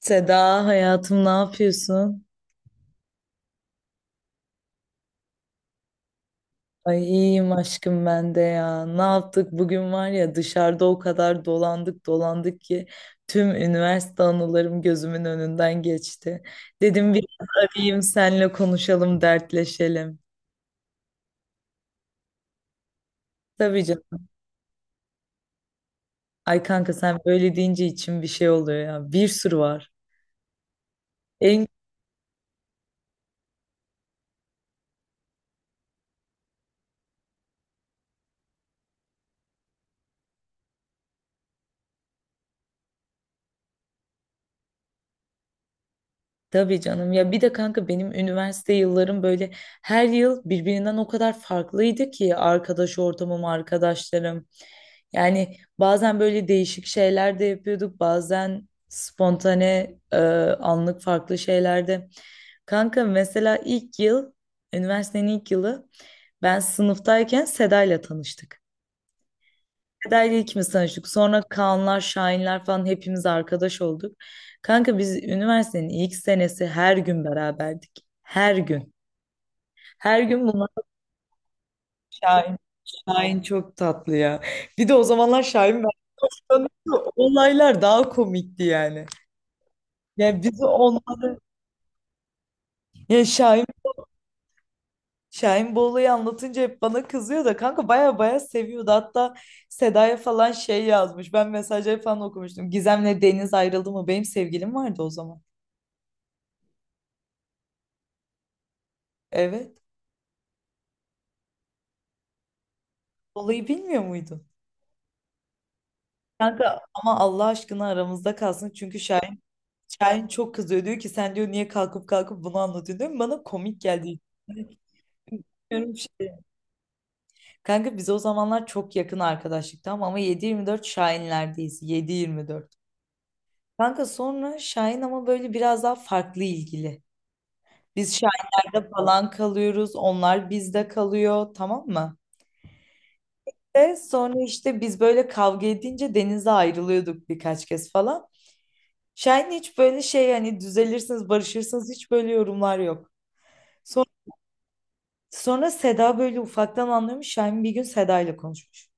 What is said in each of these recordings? Seda hayatım ne yapıyorsun? Ay iyiyim aşkım ben de ya. Ne yaptık bugün var ya dışarıda o kadar dolandık dolandık ki tüm üniversite anılarım gözümün önünden geçti. Dedim biraz arayayım senle konuşalım dertleşelim. Tabii canım. Ay kanka sen böyle deyince içim bir şey oluyor ya. Bir sürü var. En tabii canım ya bir de kanka benim üniversite yıllarım böyle her yıl birbirinden o kadar farklıydı ki arkadaş ortamım, arkadaşlarım. Yani bazen böyle değişik şeyler de yapıyorduk, bazen spontane anlık farklı şeyler de. Kanka mesela ilk yıl, üniversitenin ilk yılı ben sınıftayken Seda ile tanıştık. Feda'yla ikimiz tanıştık. Sonra Kaanlar, Şahinler falan hepimiz arkadaş olduk. Kanka biz üniversitenin ilk senesi her gün beraberdik. Her gün. Her gün bunlar Şahin. Şahin çok tatlı ya. Bir de o zamanlar Şahin ben tanıyordu. Olaylar daha komikti yani. Yani bizi onları ya Şahin Şahin bu olayı anlatınca hep bana kızıyor da kanka baya baya seviyordu. Hatta Seda'ya falan şey yazmış. Ben mesajları falan okumuştum. Gizem'le Deniz ayrıldı mı? Benim sevgilim vardı o zaman. Evet. Olayı bilmiyor muydun? Kanka ama Allah aşkına aramızda kalsın. Çünkü Şahin çok kızıyor. Diyor ki sen diyor niye kalkıp kalkıp bunu anlatıyorsun diyor. Bana komik geldi. Bilmiyorum şey. Kanka biz o zamanlar çok yakın arkadaşlık tamam ama 7-24 Şahinlerdeyiz. 7-24. Kanka sonra Şahin ama böyle biraz daha farklı ilgili. Biz Şahinlerde falan kalıyoruz. Onlar bizde kalıyor tamam mı? Ve sonra işte biz böyle kavga edince denize ayrılıyorduk birkaç kez falan. Şahin hiç böyle şey hani düzelirsiniz, barışırsınız hiç böyle yorumlar yok. Sonra, sonra Seda böyle ufaktan anlıyormuş. Şahin bir gün Seda ile konuşmuş.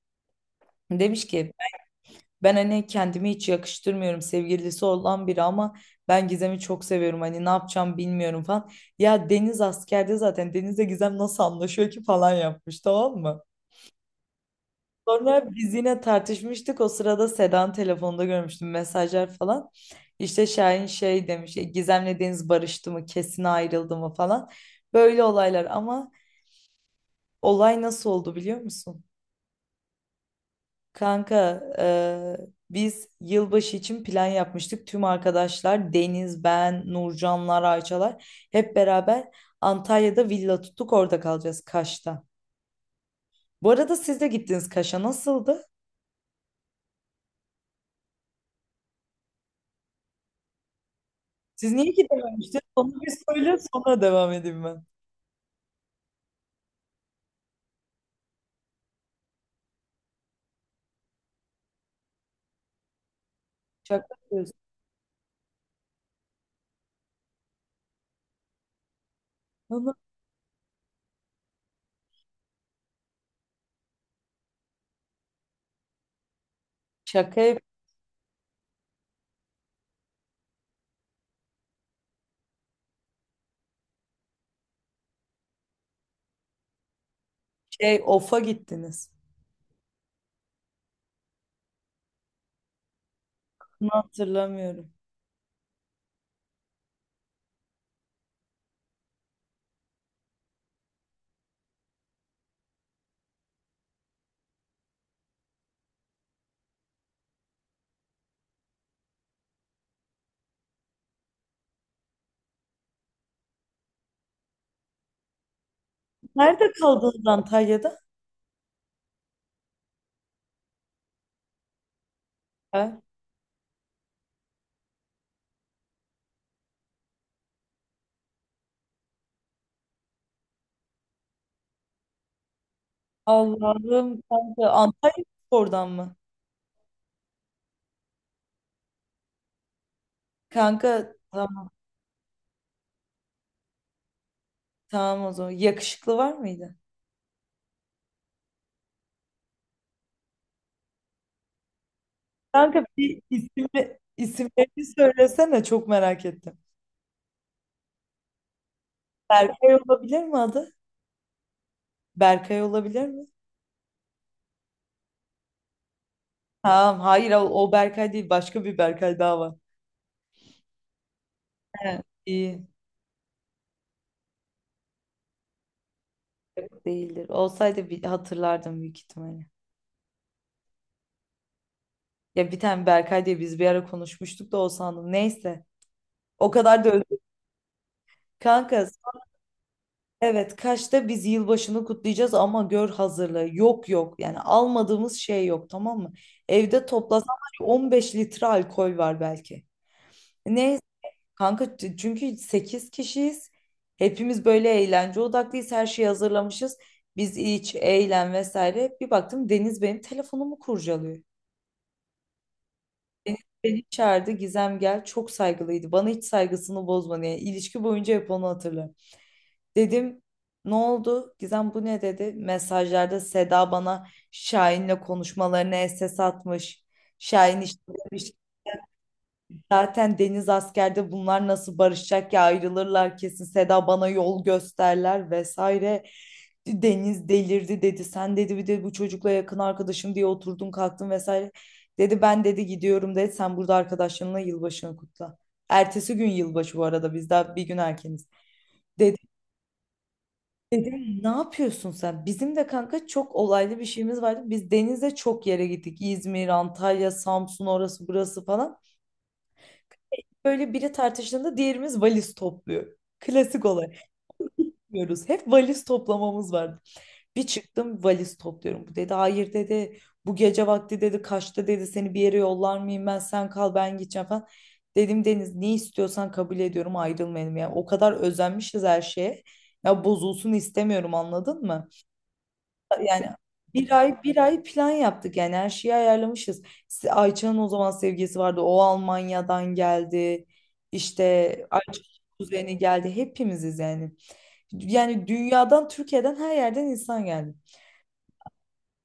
Demiş ki ben hani kendimi hiç yakıştırmıyorum sevgilisi olan biri ama ben Gizem'i çok seviyorum. Hani ne yapacağım bilmiyorum falan. Ya Deniz askerde zaten Deniz'le Gizem nasıl anlaşıyor ki falan yapmış tamam mı? Sonra biz yine tartışmıştık. O sırada Sedan telefonda görmüştüm mesajlar falan. İşte Şahin şey demiş, "E, Gizem'le Deniz barıştı mı, kesin ayrıldı mı falan. Böyle olaylar ama olay nasıl oldu biliyor musun? Kanka biz yılbaşı için plan yapmıştık. Tüm arkadaşlar Deniz, ben, Nurcanlar, Ayçalar hep beraber Antalya'da villa tuttuk orada kalacağız Kaş'ta. Bu arada siz de gittiniz Kaş'a nasıldı? Siz niye ki dememiştiniz? Onu bir söyle sonra devam edeyim ben. Şaka yapıyorsun. Onu şaka yap- şey ofa gittiniz. Bunu hatırlamıyorum. Nerede kaldınız Antalya'da? Ha? Allah'ım kanka Antalya oradan mı? Kanka tamam, tamam o zaman. Yakışıklı var mıydı? Kanka bir isimle, isimlerini söylesene çok merak ettim. Berkay olabilir mi adı? Berkay olabilir mi? Tamam hayır o, o Berkay değil başka bir Berkay daha var. He, iyi. Değildir. Olsaydı bir hatırlardım büyük ihtimalle. Ya bir tane Berkay diye biz bir ara konuşmuştuk da o sandım. Neyse. O kadar da özür. Kanka evet Kaş'ta biz yılbaşını kutlayacağız ama gör hazırlığı. Yok yok. Yani almadığımız şey yok tamam mı? Evde toplasan var ya 15 litre alkol var belki. Neyse kanka çünkü 8 kişiyiz. Hepimiz böyle eğlence odaklıyız. Her şeyi hazırlamışız. Biz iç, eğlen vesaire. Bir baktım Deniz benim telefonumu kurcalıyor. Beni, beni çağırdı Gizem gel çok saygılıydı bana hiç saygısını bozma yani ilişki boyunca hep onu hatırlarım. Dedim ne oldu Gizem bu ne dedi mesajlarda Seda bana Şahin'le konuşmalarını SS atmış. Şahin işte demiş zaten Deniz askerde bunlar nasıl barışacak ya ayrılırlar kesin Seda bana yol gösterler vesaire. Deniz delirdi dedi sen dedi bir de bu çocukla yakın arkadaşım diye oturdun kalktın vesaire. Dedi ben dedi gidiyorum dedi sen burada arkadaşlarınla yılbaşını kutla. Ertesi gün yılbaşı bu arada biz daha bir gün erkeniz. Dedi, dedim ne yapıyorsun sen? Bizim de kanka çok olaylı bir şeyimiz vardı. Biz denize çok yere gittik. İzmir, Antalya, Samsun orası burası falan. Böyle biri tartıştığında diğerimiz valiz topluyor. Klasik olarak yapıyoruz. Hep valiz toplamamız vardı. Bir çıktım valiz topluyorum. Bu dedi hayır dedi. Bu gece vakti dedi kaçta dedi seni bir yere yollar mıyım ben sen kal ben gideceğim falan. Dedim Deniz ne istiyorsan kabul ediyorum ayrılmayalım. Yani o kadar özenmişiz her şeye. Ya bozulsun istemiyorum anladın mı? Yani bir ay bir ay plan yaptık yani her şeyi ayarlamışız. Ayça'nın o zaman sevgilisi vardı. O Almanya'dan geldi. İşte Ayça'nın kuzeni geldi. Hepimiziz yani. Yani dünyadan, Türkiye'den her yerden insan geldi.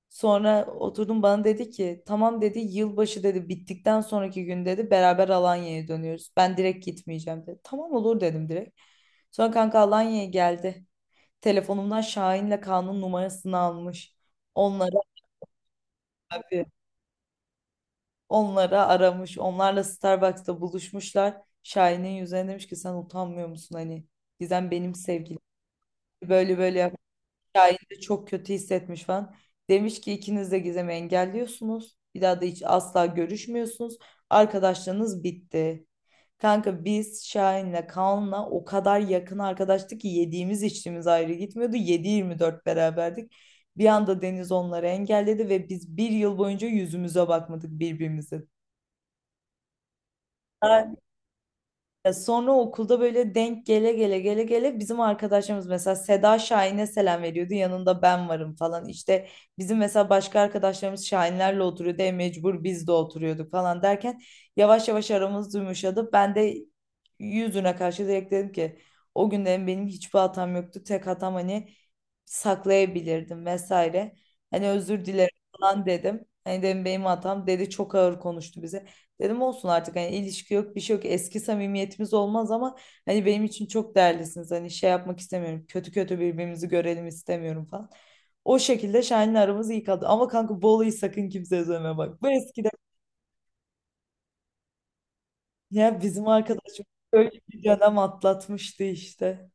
Sonra oturdum bana dedi ki tamam dedi yılbaşı dedi bittikten sonraki gün dedi beraber Alanya'ya dönüyoruz. Ben direkt gitmeyeceğim dedi. Tamam olur dedim direkt. Sonra kanka Alanya'ya geldi. Telefonumdan Şahin'le Kaan'ın numarasını almış. Onlara Onlara aramış. Onlarla Starbucks'ta buluşmuşlar. Şahin'in yüzüne demiş ki sen utanmıyor musun hani Gizem benim sevgilim. Böyle böyle yapmış. Şahin de çok kötü hissetmiş falan. Demiş ki ikiniz de Gizem'i engelliyorsunuz. Bir daha da hiç asla görüşmüyorsunuz. Arkadaşlığınız bitti. Kanka biz Şahin'le Kaan'la o kadar yakın arkadaştık ki yediğimiz içtiğimiz ayrı gitmiyordu. 7-24 beraberdik. Bir anda Deniz onları engelledi ve biz bir yıl boyunca yüzümüze bakmadık birbirimize. Ya sonra okulda böyle denk gele gele gele gele bizim arkadaşlarımız mesela Seda Şahin'e selam veriyordu yanında ben varım falan işte bizim mesela başka arkadaşlarımız Şahinlerle oturuyordu e mecbur biz de oturuyorduk falan derken yavaş yavaş aramız yumuşadı ben de yüzüne karşı direkt dedim ki o günden benim hiçbir hatam yoktu tek hatam hani saklayabilirdim vesaire hani özür dilerim falan dedim hani dedim benim hatam dedi çok ağır konuştu bize. Dedim olsun artık hani ilişki yok bir şey yok eski samimiyetimiz olmaz ama hani benim için çok değerlisiniz hani şey yapmak istemiyorum kötü kötü birbirimizi görelim istemiyorum falan. O şekilde Şahin'le aramız iyi kaldı ama kanka Bolu'yu sakın kimseye söyleme bak. Bu eskiden ya bizim arkadaşım böyle bir dönem atlatmıştı işte.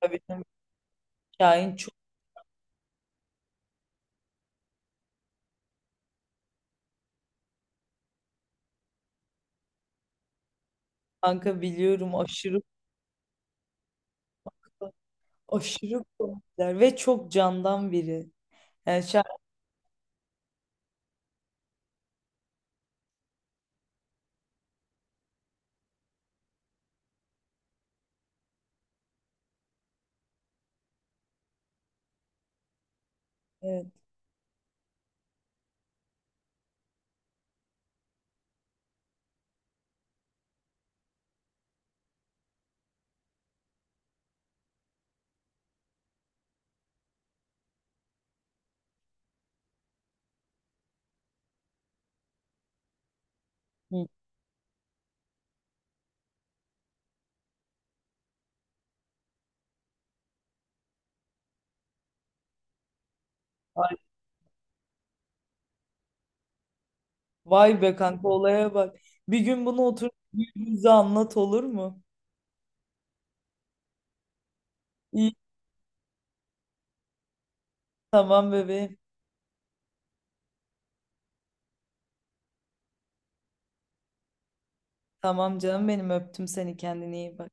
Tabii canım, Şahin çok kanka biliyorum aşırı aşırı komikler ve çok candan biri. Yani Şahin evet. Vay be kanka olaya bak. Bir gün bunu otur bize anlat olur mu? İyi tamam bebeğim. Tamam canım benim öptüm seni kendine iyi bak.